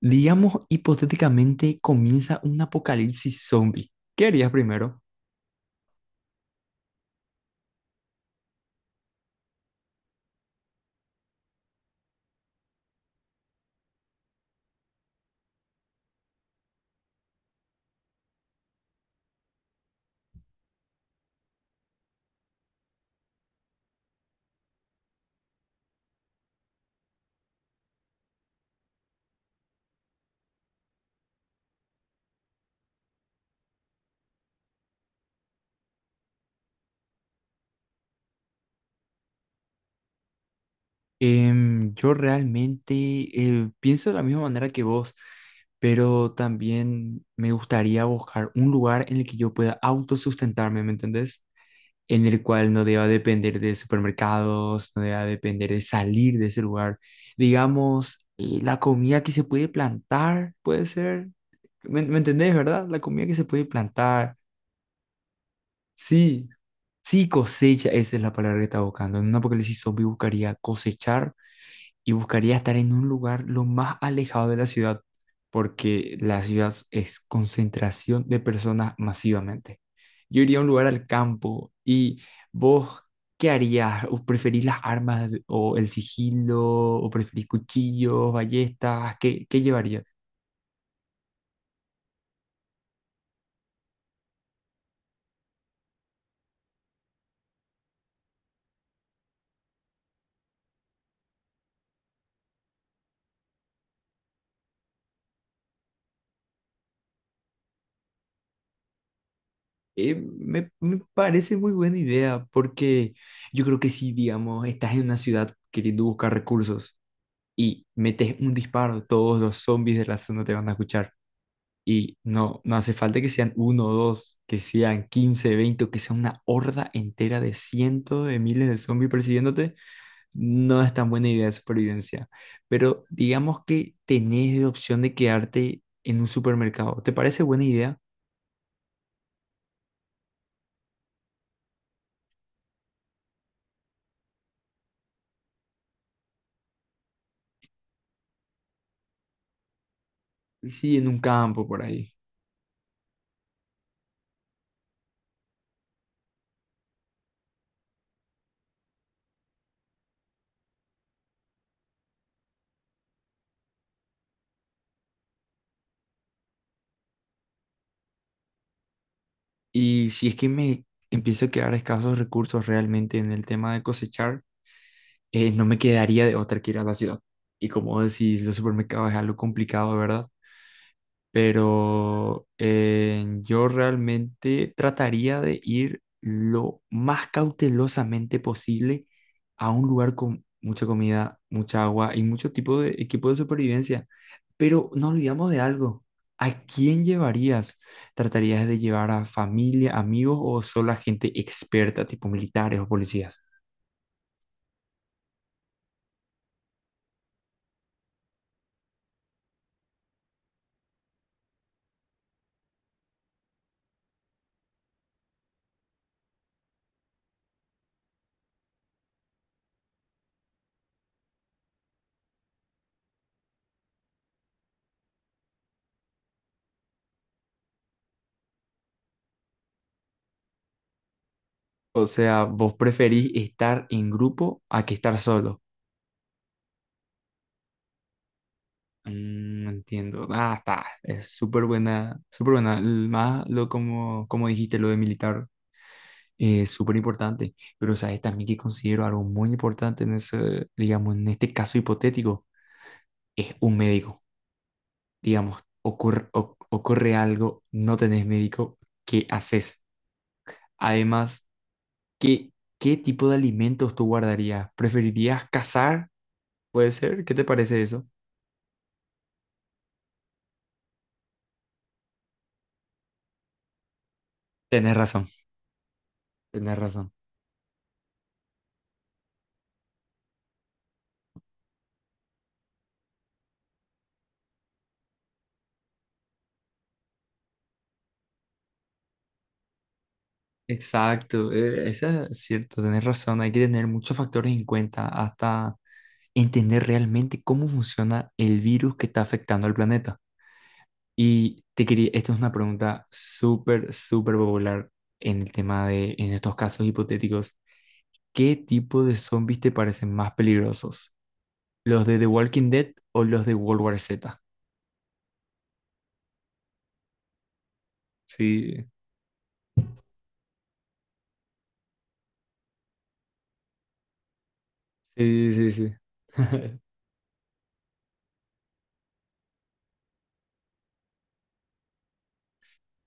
Digamos, hipotéticamente comienza un apocalipsis zombie. ¿Qué harías primero? Yo realmente pienso de la misma manera que vos, pero también me gustaría buscar un lugar en el que yo pueda autosustentarme, ¿me entendés? En el cual no deba depender de supermercados, no deba depender de salir de ese lugar. Digamos, la comida que se puede plantar, puede ser, ¿me entendés, verdad? La comida que se puede plantar. Sí, sí, cosecha, esa es la palabra que estaba buscando. En un apocalipsis zombie buscaría cosechar y buscaría estar en un lugar lo más alejado de la ciudad, porque la ciudad es concentración de personas masivamente. Yo iría a un lugar al campo y vos, ¿qué harías? ¿O preferís las armas o el sigilo? ¿O preferís cuchillos, ballestas? ¿Qué llevarías? Me parece muy buena idea porque yo creo que si, digamos, estás en una ciudad queriendo buscar recursos y metes un disparo, todos los zombies de la zona te van a escuchar. Y no hace falta que sean uno o dos, que sean 15 20 o que sea una horda entera de cientos de miles de zombies persiguiéndote. No es tan buena idea de supervivencia. Pero digamos que tenés la opción de quedarte en un supermercado. ¿Te parece buena idea? Sí, en un campo por ahí. Y si es que me empiezo a quedar escasos recursos realmente en el tema de cosechar, no me quedaría de otra que ir a la ciudad. Y como decís, los supermercados es algo complicado, ¿verdad? Pero yo realmente trataría de ir lo más cautelosamente posible a un lugar con mucha comida, mucha agua y mucho tipo de equipo de supervivencia. Pero no olvidamos de algo. ¿A quién llevarías? ¿Tratarías de llevar a familia, amigos o solo a gente experta, tipo militares o policías? O sea, vos preferís estar en grupo a que estar solo. Mm, entiendo. Ah, está. Es súper buena, súper buena. Más lo como, como dijiste, lo de militar, es súper importante. Pero, ¿sabes también que considero algo muy importante en ese, digamos, en este caso hipotético? Es un médico. Digamos, ocurre, ocurre algo, no tenés médico, ¿qué haces? Además, ¿qué, qué tipo de alimentos tú guardarías? ¿Preferirías cazar? ¿Puede ser? ¿Qué te parece eso? Tenés razón, tenés razón. Exacto, eso es cierto, tenés razón. Hay que tener muchos factores en cuenta hasta entender realmente cómo funciona el virus que está afectando al planeta. Y te quería, esta es una pregunta súper, súper popular en el tema de, en estos casos hipotéticos. ¿Qué tipo de zombies te parecen más peligrosos? ¿Los de The Walking Dead o los de World War Z? Sí, sí, sí, sí.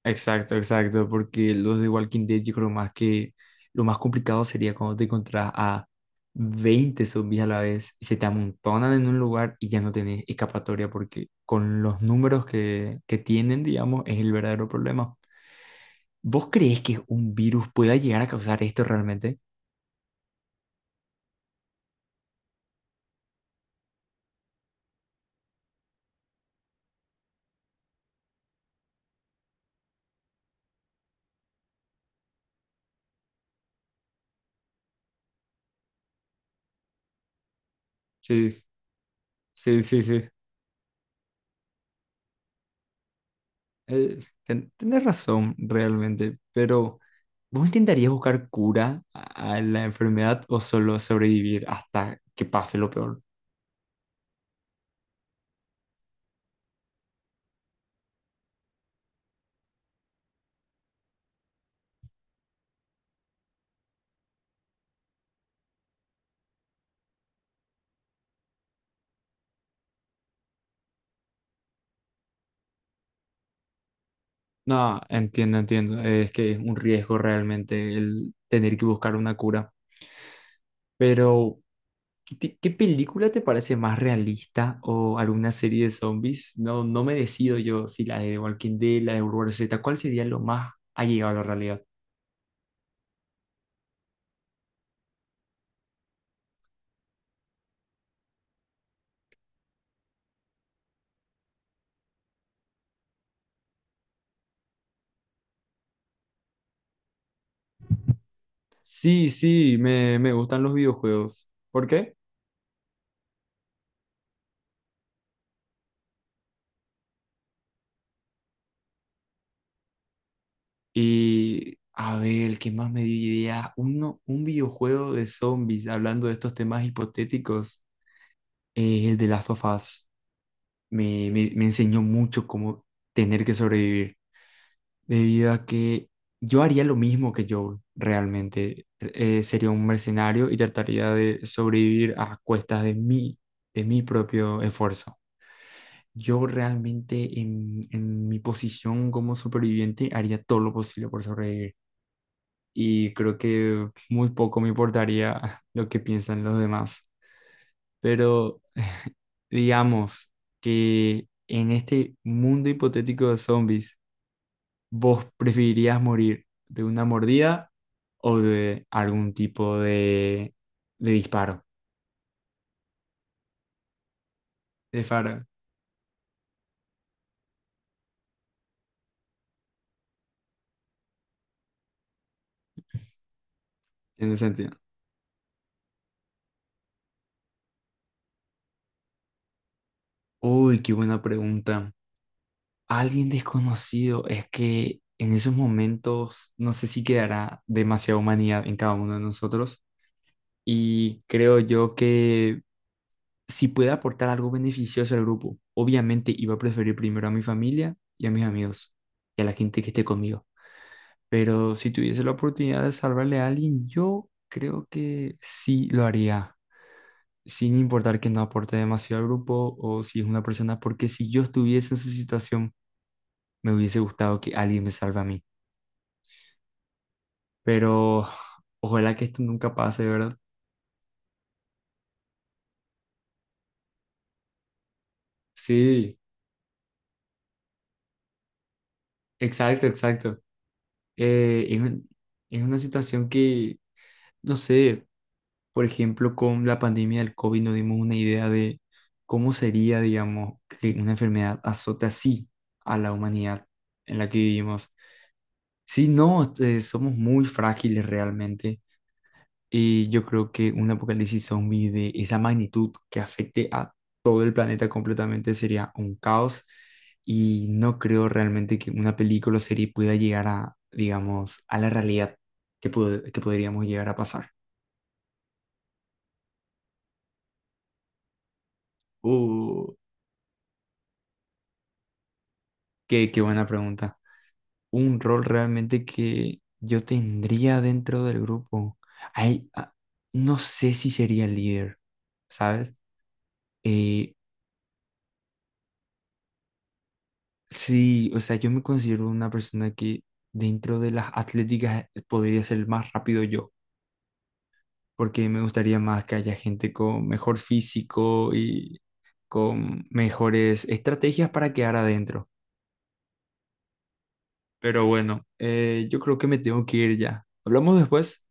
Exacto, exacto, porque los de Walking Dead yo creo más que lo más complicado sería cuando te encontrás a 20 zombies a la vez y se te amontonan en un lugar y ya no tenés escapatoria porque con los números que tienen, digamos, es el verdadero problema. ¿Vos crees que un virus pueda llegar a causar esto realmente? Sí, sí, sí, sí. Tenés razón realmente, pero ¿vos intentarías buscar cura a la enfermedad o solo sobrevivir hasta que pase lo peor? No, entiendo, entiendo. Es que es un riesgo realmente el tener que buscar una cura. Pero, ¿qué película te parece más realista o alguna serie de zombies? No, no me decido yo si la de Walking Dead, la de World Z, ¿cuál sería lo más allegado a la realidad? Sí, sí, me gustan los videojuegos. ¿Por qué? Y, a ver, ¿qué más me diría? Uno, un videojuego de zombies, hablando de estos temas hipotéticos, es el de Last of Us. Me enseñó mucho cómo tener que sobrevivir, debido a que yo haría lo mismo que yo realmente. Sería un mercenario y trataría de sobrevivir a cuestas de mí, de mi propio esfuerzo. Yo realmente en mi posición como superviviente haría todo lo posible por sobrevivir y creo que muy poco me importaría lo que piensan los demás. Pero digamos que en este mundo hipotético de zombies, ¿vos preferirías morir de una mordida o de algún tipo de disparo? De faro, en ese sentido. Uy, qué buena pregunta. Alguien desconocido, es que en esos momentos no sé si quedará demasiada humanidad en cada uno de nosotros y creo yo que si puede aportar algo beneficioso al grupo, obviamente iba a preferir primero a mi familia y a mis amigos y a la gente que esté conmigo. Pero si tuviese la oportunidad de salvarle a alguien, yo creo que sí lo haría, sin importar que no aporte demasiado al grupo o si es una persona, porque si yo estuviese en su situación, me hubiese gustado que alguien me salve a mí. Pero ojalá que esto nunca pase, ¿verdad? Sí, exacto, exacto. Es un- es una situación que, no sé. Por ejemplo, con la pandemia del COVID nos dimos una idea de cómo sería, digamos, que una enfermedad azote así a la humanidad en la que vivimos. Sí, no, somos muy frágiles realmente y yo creo que un apocalipsis zombie de esa magnitud que afecte a todo el planeta completamente sería un caos y no creo realmente que una película o serie pueda llegar a, digamos, a la realidad que podríamos llegar a pasar. Uh, qué buena pregunta. Un rol realmente que yo tendría dentro del grupo. Ay, ah, no sé si sería líder, ¿sabes? Eh, sí, o sea, yo me considero una persona que dentro de las atléticas podría ser más rápido yo, porque me gustaría más que haya gente con mejor físico y con mejores estrategias para quedar adentro. Pero bueno, yo creo que me tengo que ir ya. ¿Hablamos después?